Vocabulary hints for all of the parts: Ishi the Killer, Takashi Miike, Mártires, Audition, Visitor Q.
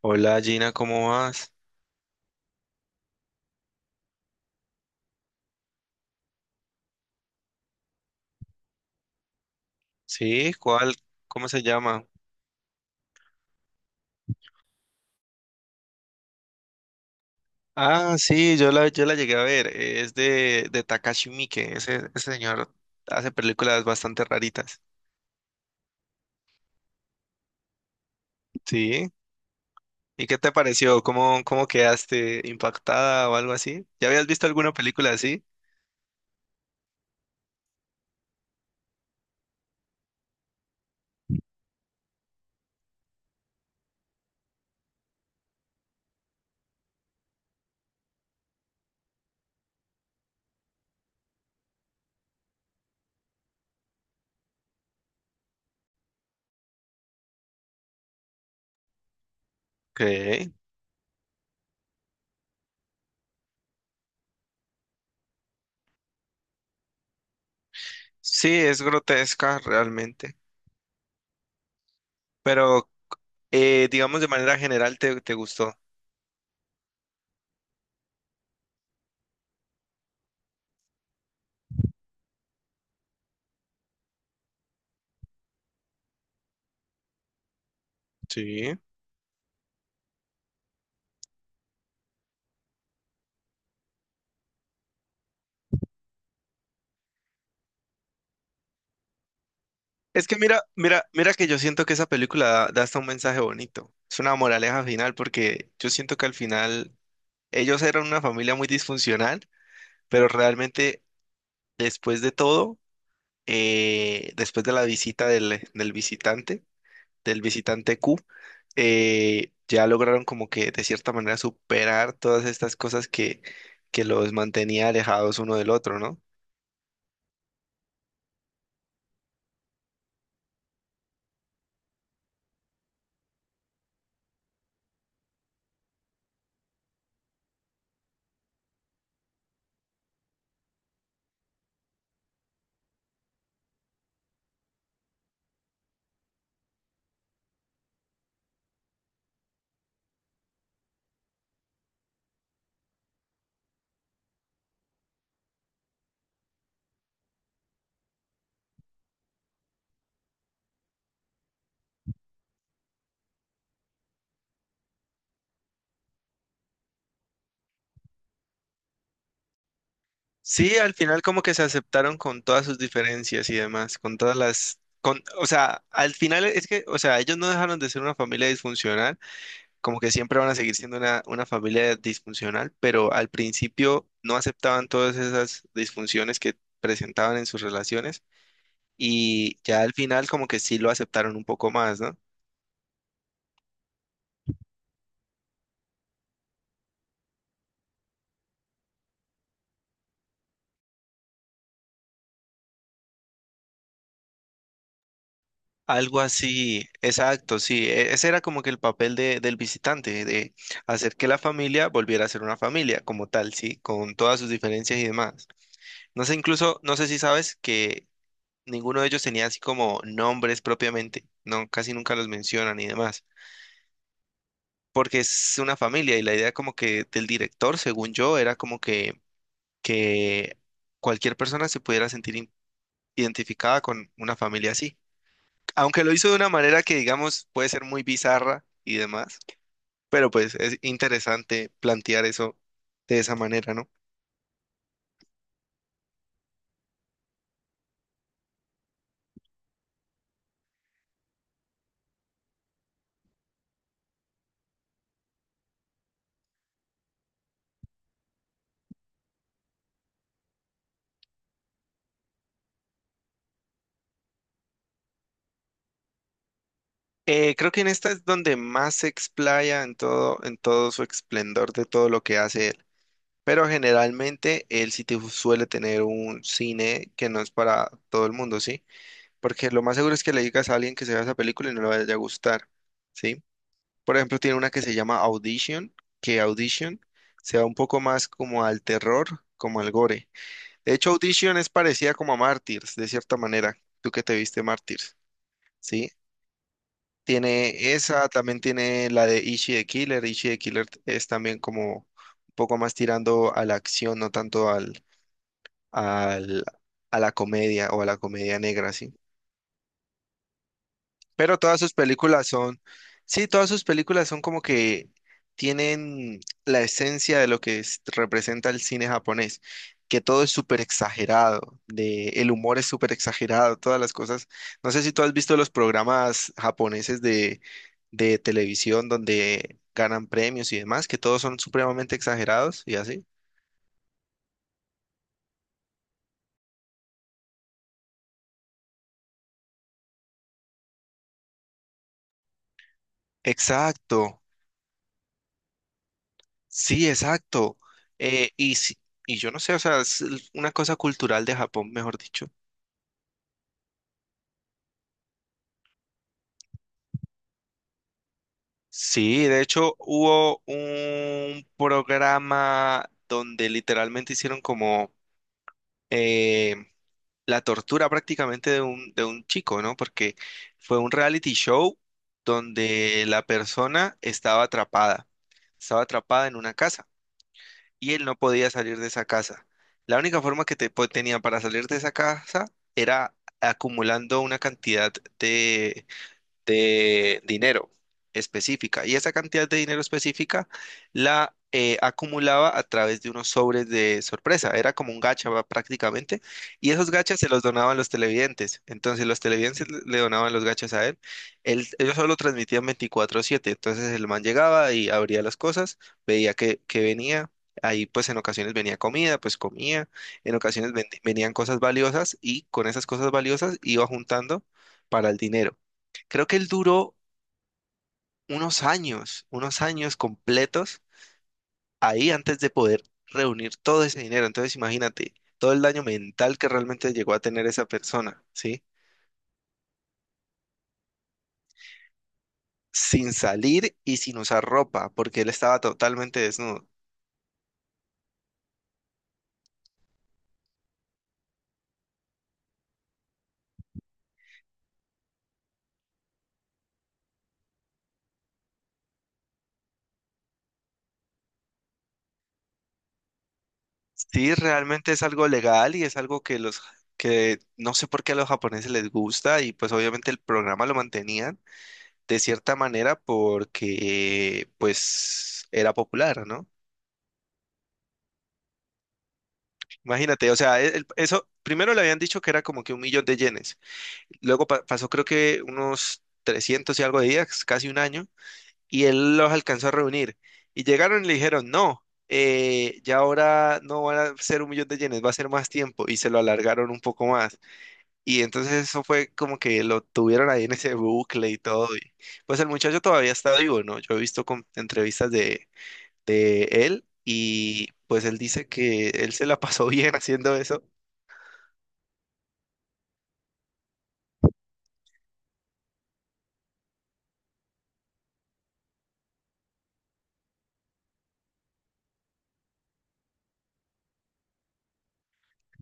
Hola Gina, ¿cómo vas? Sí, ¿cuál? ¿Cómo se llama? Ah, sí, yo la llegué a ver. Es de Takashi Miike. Ese señor hace películas bastante raritas. Sí. ¿Y qué te pareció? ¿Cómo quedaste impactada o algo así? ¿Ya habías visto alguna película así? Ok. Sí, es grotesca realmente. Pero, digamos, de manera general, ¿te gustó? Sí. Es que mira que yo siento que esa película da hasta un mensaje bonito. Es una moraleja final porque yo siento que al final ellos eran una familia muy disfuncional, pero realmente después de todo, después de la visita del visitante, del visitante Q, ya lograron como que de cierta manera superar todas estas cosas que los mantenía alejados uno del otro, ¿no? Sí, al final como que se aceptaron con todas sus diferencias y demás, con todas las, con, o sea, al final es que, o sea, ellos no dejaron de ser una familia disfuncional, como que siempre van a seguir siendo una familia disfuncional, pero al principio no aceptaban todas esas disfunciones que presentaban en sus relaciones y ya al final como que sí lo aceptaron un poco más, ¿no? Algo así, exacto, sí. Ese era como que el papel de, del visitante, de hacer que la familia volviera a ser una familia como tal, sí, con todas sus diferencias y demás. No sé, incluso, no sé si sabes que ninguno de ellos tenía así como nombres propiamente, no, casi nunca los mencionan y demás, porque es una familia y la idea como que del director, según yo, era como que cualquier persona se pudiera sentir identificada con una familia así. Aunque lo hizo de una manera que, digamos, puede ser muy bizarra y demás, pero pues es interesante plantear eso de esa manera, ¿no? Creo que en esta es donde más se explaya en todo su esplendor de todo lo que hace él. Pero generalmente él suele tener un cine que no es para todo el mundo, ¿sí? Porque lo más seguro es que le digas a alguien que se vea esa película y no le vaya a gustar, ¿sí? Por ejemplo, tiene una que se llama Audition, que Audition se va un poco más como al terror, como al gore. De hecho, Audition es parecida como a Mártires, de cierta manera. ¿Tú que te viste Mártires? ¿Sí? Tiene esa, también tiene la de Ishi the Killer. Ishi the Killer es también como un poco más tirando a la acción, no tanto al, al, a la comedia o a la comedia negra, ¿sí? Pero todas sus películas son, sí, todas sus películas son como que tienen la esencia de lo que representa el cine japonés, que todo es súper exagerado, de, el humor es súper exagerado, todas las cosas. No sé si tú has visto los programas japoneses de televisión donde ganan premios y demás, que todos son supremamente exagerados y así. Exacto, sí, exacto. Eh, y, si- y yo no sé, o sea, es una cosa cultural de Japón, mejor dicho. Sí, de hecho hubo un programa donde literalmente hicieron como eh, la tortura prácticamente de un chico, ¿no? Porque fue un reality show donde la persona estaba atrapada en una casa y él no podía salir de esa casa. La única forma que tenía para salir de esa casa era acumulando una cantidad de dinero específica. Y esa cantidad de dinero específica la acumulaba a través de unos sobres de sorpresa. Era como un gacha va, prácticamente. Y esos gachas se los donaban los televidentes. Entonces los televidentes le donaban los gachas a él. Ellos solo transmitían 24/7. Entonces el man llegaba y abría las cosas, veía que venía. Ahí pues en ocasiones venía comida, pues comía, en ocasiones venían cosas valiosas y con esas cosas valiosas iba juntando para el dinero. Creo que él duró unos años completos ahí antes de poder reunir todo ese dinero. Entonces imagínate todo el daño mental que realmente llegó a tener esa persona, ¿sí? Sin salir y sin usar ropa, porque él estaba totalmente desnudo. Sí, realmente es algo legal y es algo que los que no sé por qué a los japoneses les gusta y pues obviamente el programa lo mantenían de cierta manera porque pues era popular, ¿no? Imagínate, o sea, eso primero le habían dicho que era como que 1.000.000 de yenes. Luego pasó creo que unos 300 y algo de días, casi un año, y él los alcanzó a reunir. Y llegaron y le dijeron, no, ya ahora no van a ser 1.000.000 de yenes, va a ser más tiempo. Y se lo alargaron un poco más. Y entonces eso fue como que lo tuvieron ahí en ese bucle y todo. Pues el muchacho todavía está vivo, ¿no? Yo he visto entrevistas de él. Y pues él dice que él se la pasó bien haciendo eso.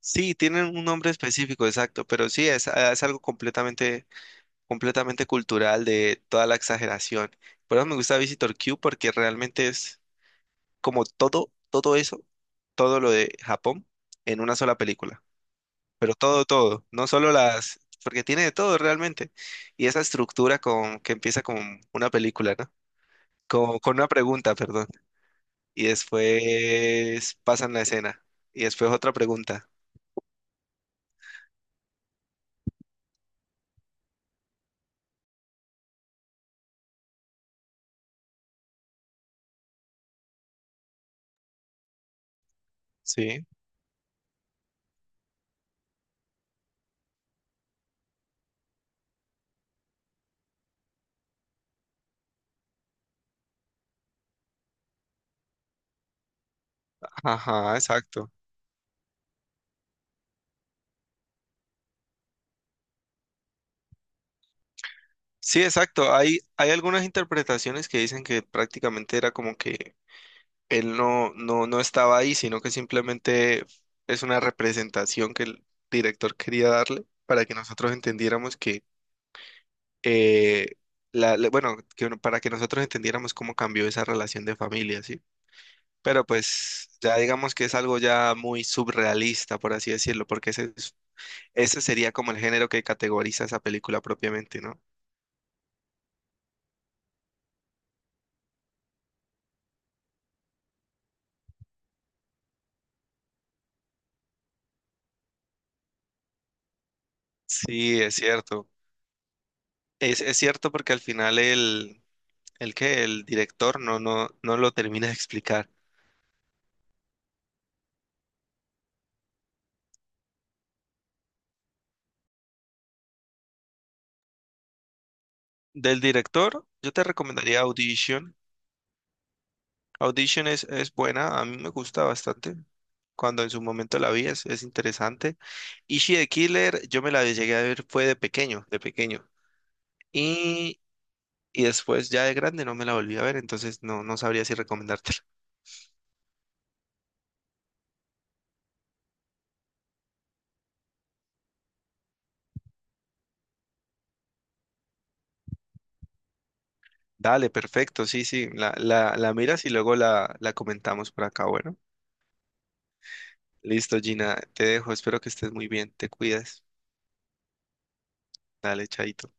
Sí, tienen un nombre específico, exacto, pero sí, es, ah, es algo completamente, completamente cultural de toda la exageración. Por eso me gusta Visitor Q porque realmente es como todo, todo eso, todo lo de Japón en una sola película. Pero todo, todo, no solo las, porque tiene de todo realmente. Y esa estructura con, que empieza con una película, ¿no? Con una pregunta, perdón. Y después pasan la escena. Y después otra pregunta. Sí. Ajá, exacto. Sí, exacto. Hay algunas interpretaciones que dicen que prácticamente era como que él no estaba ahí, sino que simplemente es una representación que el director quería darle para que nosotros entendiéramos que, eh, bueno, para que nosotros entendiéramos cómo cambió esa relación de familia, ¿sí? Pero pues ya digamos que es algo ya muy surrealista por así decirlo, porque ese sería como el género que categoriza esa película propiamente, ¿no? Sí, es cierto. Es cierto porque al final el que el director no lo termina de explicar. Del director, yo te recomendaría Audition. Audition es buena, a mí me gusta bastante. Cuando en su momento la vi, es interesante. Ishi the Killer, yo me la llegué a ver, fue de pequeño, de pequeño. Y, y después ya de grande no me la volví a ver, entonces no, no sabría si recomendártela. Dale, perfecto, sí, sí, la miras y luego la comentamos por acá, bueno. Listo, Gina, te dejo, espero que estés muy bien, te cuidas. Dale, chaito.